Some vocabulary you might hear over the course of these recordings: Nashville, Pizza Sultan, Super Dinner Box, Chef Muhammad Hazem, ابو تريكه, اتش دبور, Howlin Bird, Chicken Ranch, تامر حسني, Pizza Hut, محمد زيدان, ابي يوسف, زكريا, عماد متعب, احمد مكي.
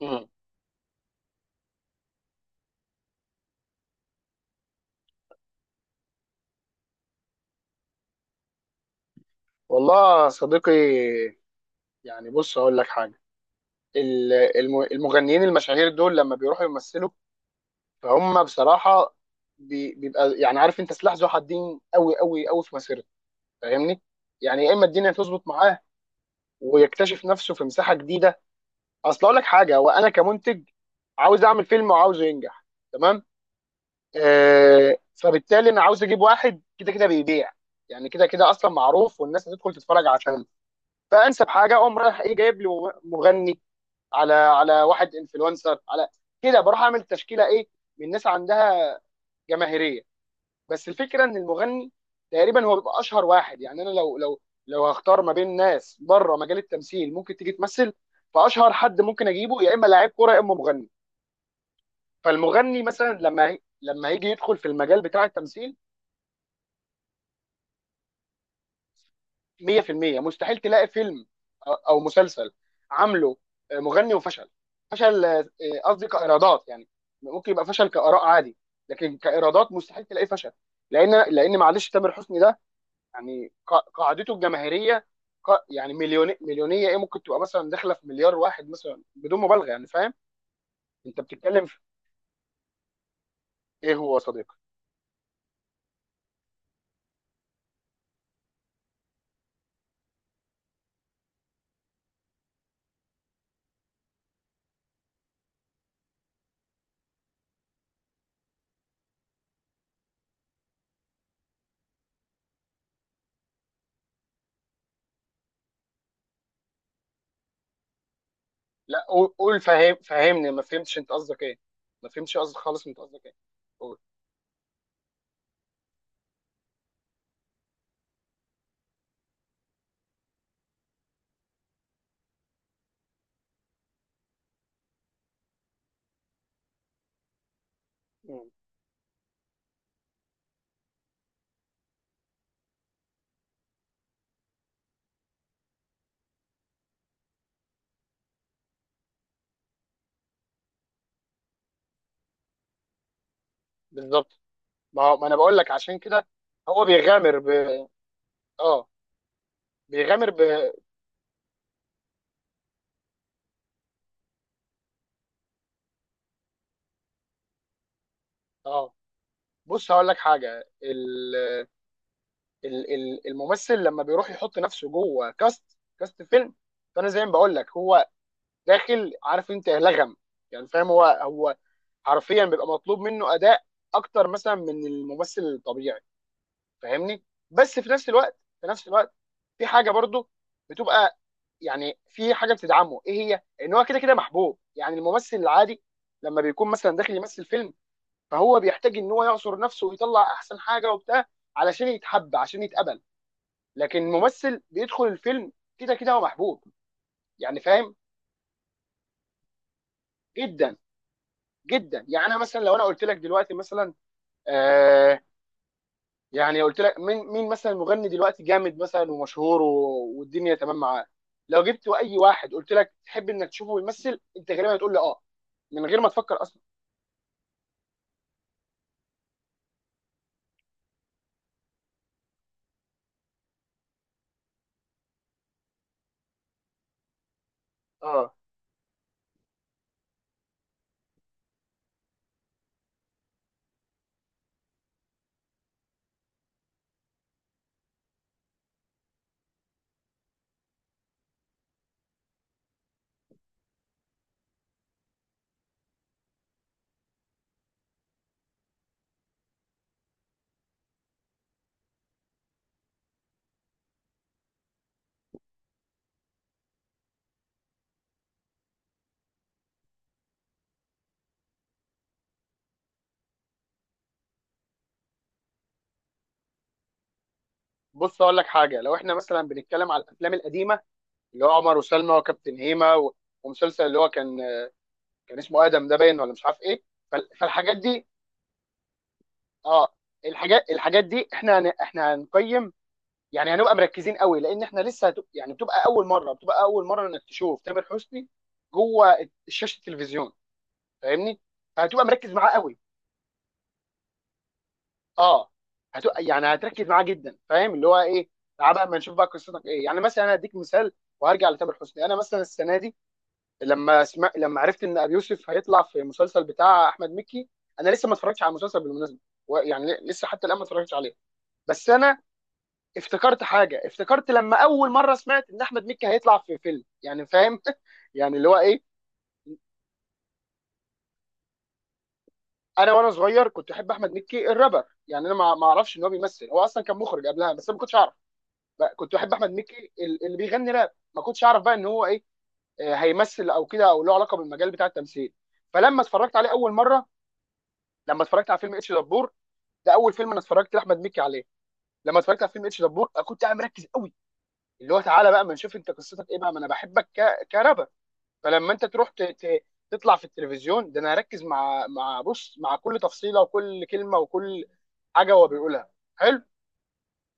مم. والله يا صديقي، يعني بص اقول لك حاجه. ال- المغنيين المشاهير دول لما بيروحوا يمثلوا، فهم بصراحه بيبقى، يعني عارف انت، سلاح ذو حدين، قوي قوي قوي في مسيرته. فاهمني؟ يعني يا اما الدنيا تظبط معاه ويكتشف نفسه في مساحه جديده. اصل اقول لك حاجه، وانا كمنتج عاوز اعمل فيلم وعاوزه ينجح، تمام؟ فبالتالي انا عاوز اجيب واحد كده كده بيبيع، يعني كده كده اصلا معروف والناس هتدخل تتفرج عشانه. فانسب حاجه اقوم رايح ايه؟ جايب لي مغني، على واحد انفلونسر، على كده بروح اعمل تشكيله ايه من ناس عندها جماهيريه. بس الفكره ان المغني تقريبا هو بيبقى اشهر واحد. يعني انا لو هختار ما بين ناس بره مجال التمثيل ممكن تيجي تمثل، فاشهر حد ممكن اجيبه يا اما لاعب كوره يا اما مغني. فالمغني مثلا لما هيجي يدخل في المجال بتاع التمثيل، 100%. مستحيل تلاقي فيلم او مسلسل عامله مغني وفشل. فشل قصدي كايرادات يعني، ممكن يبقى فشل كاراء عادي، لكن كايرادات مستحيل تلاقيه فشل. لان لان معلش تامر حسني ده، يعني قاعدته الجماهيريه، يعني مليون، مليونيه، ايه ممكن تبقى مثلا داخله في مليار واحد مثلا، بدون مبالغه يعني، فاهم؟ انت بتتكلم في ايه هو يا صديقي؟ لا قول قول، فاهم فاهمني، ما فهمتش انت قصدك ايه، ما فهمتش قصدك خالص، انت قصدك ايه؟ قول. مم. بالظبط، ما هو ما انا بقول لك عشان كده. هو بيغامر ب... اه بيغامر ب... اه بص هقول لك حاجه. ال... الممثل لما بيروح يحط نفسه جوه كاست، فيلم. فانا زي ما بقول لك، هو داخل عارف انت لغم، يعني فاهم، هو حرفيا بيبقى مطلوب منه اداء اكتر مثلا من الممثل الطبيعي. فاهمني؟ بس في نفس الوقت في حاجه برضو بتبقى، يعني في حاجه بتدعمه، ايه هي؟ ان هو كده كده محبوب. يعني الممثل العادي لما بيكون مثلا داخل يمثل فيلم، فهو بيحتاج ان هو يعصر نفسه ويطلع احسن حاجه وبتاع علشان يتحب، عشان يتقبل. لكن الممثل بيدخل الفيلم كده كده هو محبوب. يعني فاهم؟ جدا جدا. يعني انا مثلا لو انا قلت لك دلوقتي مثلا، آه، يعني قلت لك مين، مثلا مغني دلوقتي جامد مثلا ومشهور والدنيا تمام معاه، لو جبت اي واحد قلت لك تحب انك تشوفه بيمثل، انت غالبا هتقول لي اه من غير ما تفكر اصلا. اه، بص اقول لك حاجه. لو احنا مثلا بنتكلم على الافلام القديمه، اللي هو عمر وسلمى وكابتن هيما ومسلسل اللي هو كان، اسمه ادم ده باين ولا مش عارف ايه. فالحاجات دي، اه، الحاجات دي احنا احنا هنقيم. يعني هنبقى مركزين قوي، لان احنا لسه يعني بتبقى اول مره انك تشوف تامر حسني جوه شاشه التلفزيون. فاهمني؟ فهتبقى مركز معاه قوي، اه. هتبقى يعني هتركز معاه جدا، فاهم اللي هو ايه؟ تعال بقى اما نشوف بقى قصتك ايه. يعني مثلا انا هديك مثال وهرجع لتامر حسني. انا مثلا السنه دي لما لما عرفت ان ابي يوسف هيطلع في مسلسل بتاع احمد مكي، انا لسه ما اتفرجتش على المسلسل بالمناسبه، يعني لسه حتى الان ما اتفرجتش عليه. بس انا افتكرت حاجه، افتكرت لما اول مره سمعت ان احمد مكي هيطلع في فيلم، يعني فاهم؟ يعني اللي هو ايه، انا وانا صغير كنت احب احمد مكي الرابر، يعني انا ما اعرفش ان هو بيمثل، هو اصلا كان مخرج قبلها بس انا ما كنتش اعرف. بقى كنت احب احمد مكي اللي بيغني راب، ما كنتش اعرف بقى ان هو ايه، هيمثل او كده او له علاقه بالمجال بتاع التمثيل. فلما اتفرجت عليه اول مره، لما اتفرجت على فيلم اتش دبور، ده اول فيلم انا اتفرجت لاحمد مكي عليه. لما اتفرجت على فيلم اتش دبور كنت قاعد مركز قوي، اللي هو تعالى بقى ما نشوف انت قصتك ايه بقى، ما انا بحبك كرابر. فلما انت تروح تطلع في التلفزيون ده، انا هركز مع كل تفصيله وكل كلمه وكل حاجه هو بيقولها. حلو.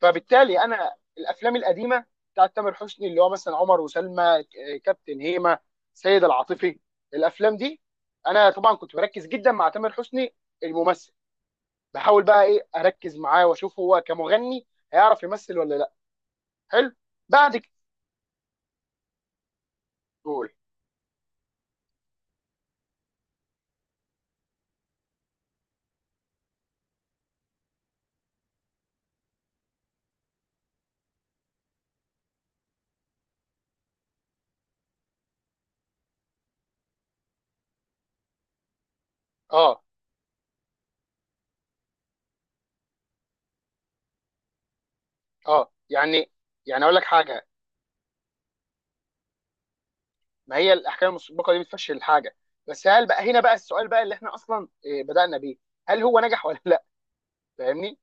فبالتالي انا الافلام القديمه بتاعت تامر حسني اللي هو مثلا عمر وسلمى، كابتن هيما، سيد العاطفي، الافلام دي انا طبعا كنت بركز جدا مع تامر حسني الممثل، بحاول بقى ايه اركز معاه واشوف هو كمغني هيعرف يمثل ولا لا. حلو. بعد كده بقول اه اه يعني، يعني اقول لك حاجه. ما هي الاحكام المسبقه دي بتفشل الحاجه. بس هل بقى هنا بقى السؤال بقى اللي احنا اصلا بدانا بيه، هل هو نجح ولا لا؟ فاهمني؟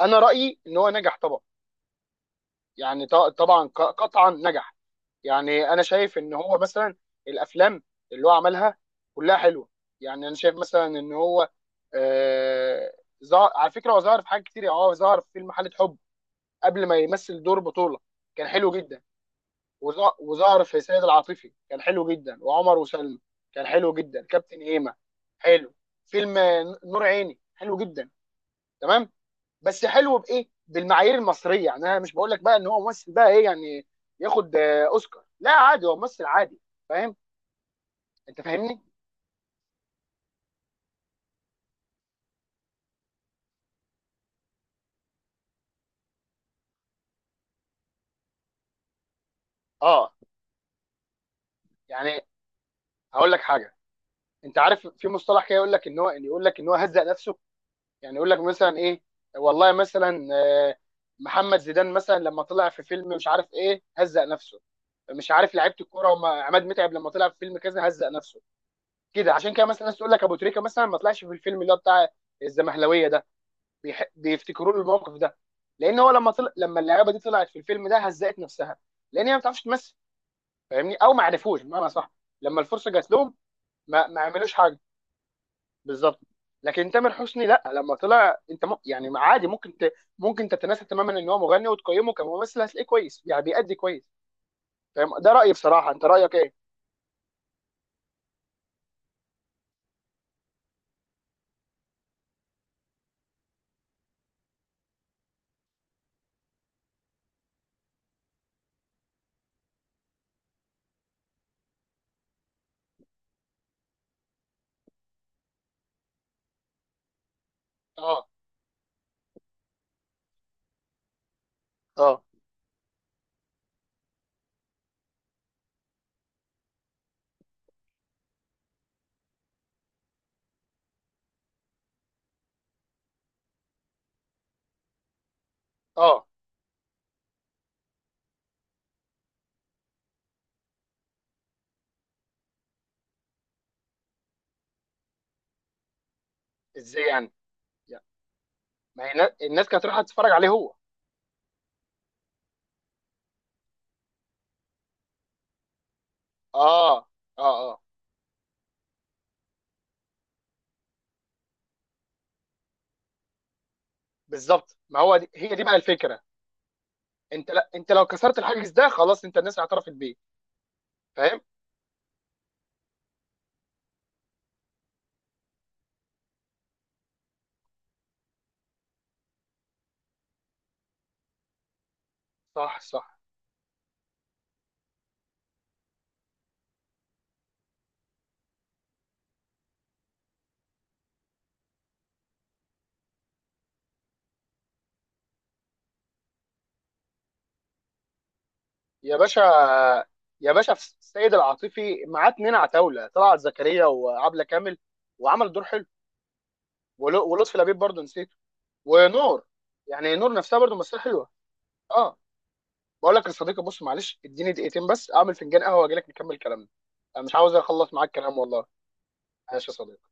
انا رايي ان هو نجح طبعا. يعني طبعا قطعا نجح. يعني انا شايف ان هو مثلا الافلام اللي هو عملها كلها حلوه. يعني انا شايف مثلا ان هو آه ظهر، على فكره هو ظهر في حاجات كتير، يعني هو ظهر في فيلم حاله حب قبل ما يمثل دور بطوله، كان حلو جدا. وظهر في سيد العاطفي كان حلو جدا، وعمر وسلمى كان حلو جدا، كابتن هيما حلو، فيلم نور عيني حلو جدا، تمام. بس حلو بايه؟ بالمعايير المصريه. يعني انا مش بقول لك بقى ان هو ممثل بقى ايه يعني ياخد اوسكار، لا عادي، هو ممثل عادي. فاهم؟ انت فاهمني. اه، يعني هقول لك حاجه. انت عارف في مصطلح كده يقول لك ان هو، يقول لك ان هو هزق نفسه. يعني يقول لك مثلا ايه، والله مثلا، محمد زيدان مثلا لما طلع في فيلم مش عارف ايه هزق نفسه. مش عارف، لعيبه الكوره، وما عماد متعب لما طلع في فيلم كذا هزق نفسه. كده، عشان كده مثلا الناس تقول لك ابو تريكه مثلا ما طلعش في الفيلم اللي هو بتاع الزمهلاويه ده، بيفتكروا له الموقف ده. لان هو لما اللعيبه دي طلعت في الفيلم ده هزقت نفسها، لان هي ما بتعرفش تمثل. فاهمني؟ او ما عرفوش بمعنى صح لما الفرصه جات لهم، ما عملوش حاجه. بالظبط. لكن تامر حسني لا، لما طلع انت يعني عادي ممكن ممكن تتناسى تماما ان هو مغني وتقيمه كممثل هتلاقيه كويس، يعني بيأدي كويس. فاهم؟ ده رأيي بصراحة، انت رأيك ايه؟ اه، اه، اه. ازاي يعني؟ يعني ما هي الناس كانت رايحة تتفرج عليه هو. اه، اه، اه. بالظبط، ما هو هي دي بقى الفكرة. انت لا، انت لو كسرت الحاجز ده خلاص، انت الناس اعترفت بيه. فاهم؟ صح، صح. يا باشا، يا باشا، في السيد العاطفي معاه اتنين عتاوله، طلعت زكريا وعبله كامل، وعمل دور حلو. ولطفي لبيب برضه نسيته. ونور، يعني نور نفسها برضه ممثله حلوه. اه، بقول لك يا صديقي، بص معلش، اديني دقيقتين بس اعمل فنجان قهوه واجي لك نكمل كلامنا. انا مش عاوز اخلص معاك كلام والله. ماشي يا صديقي.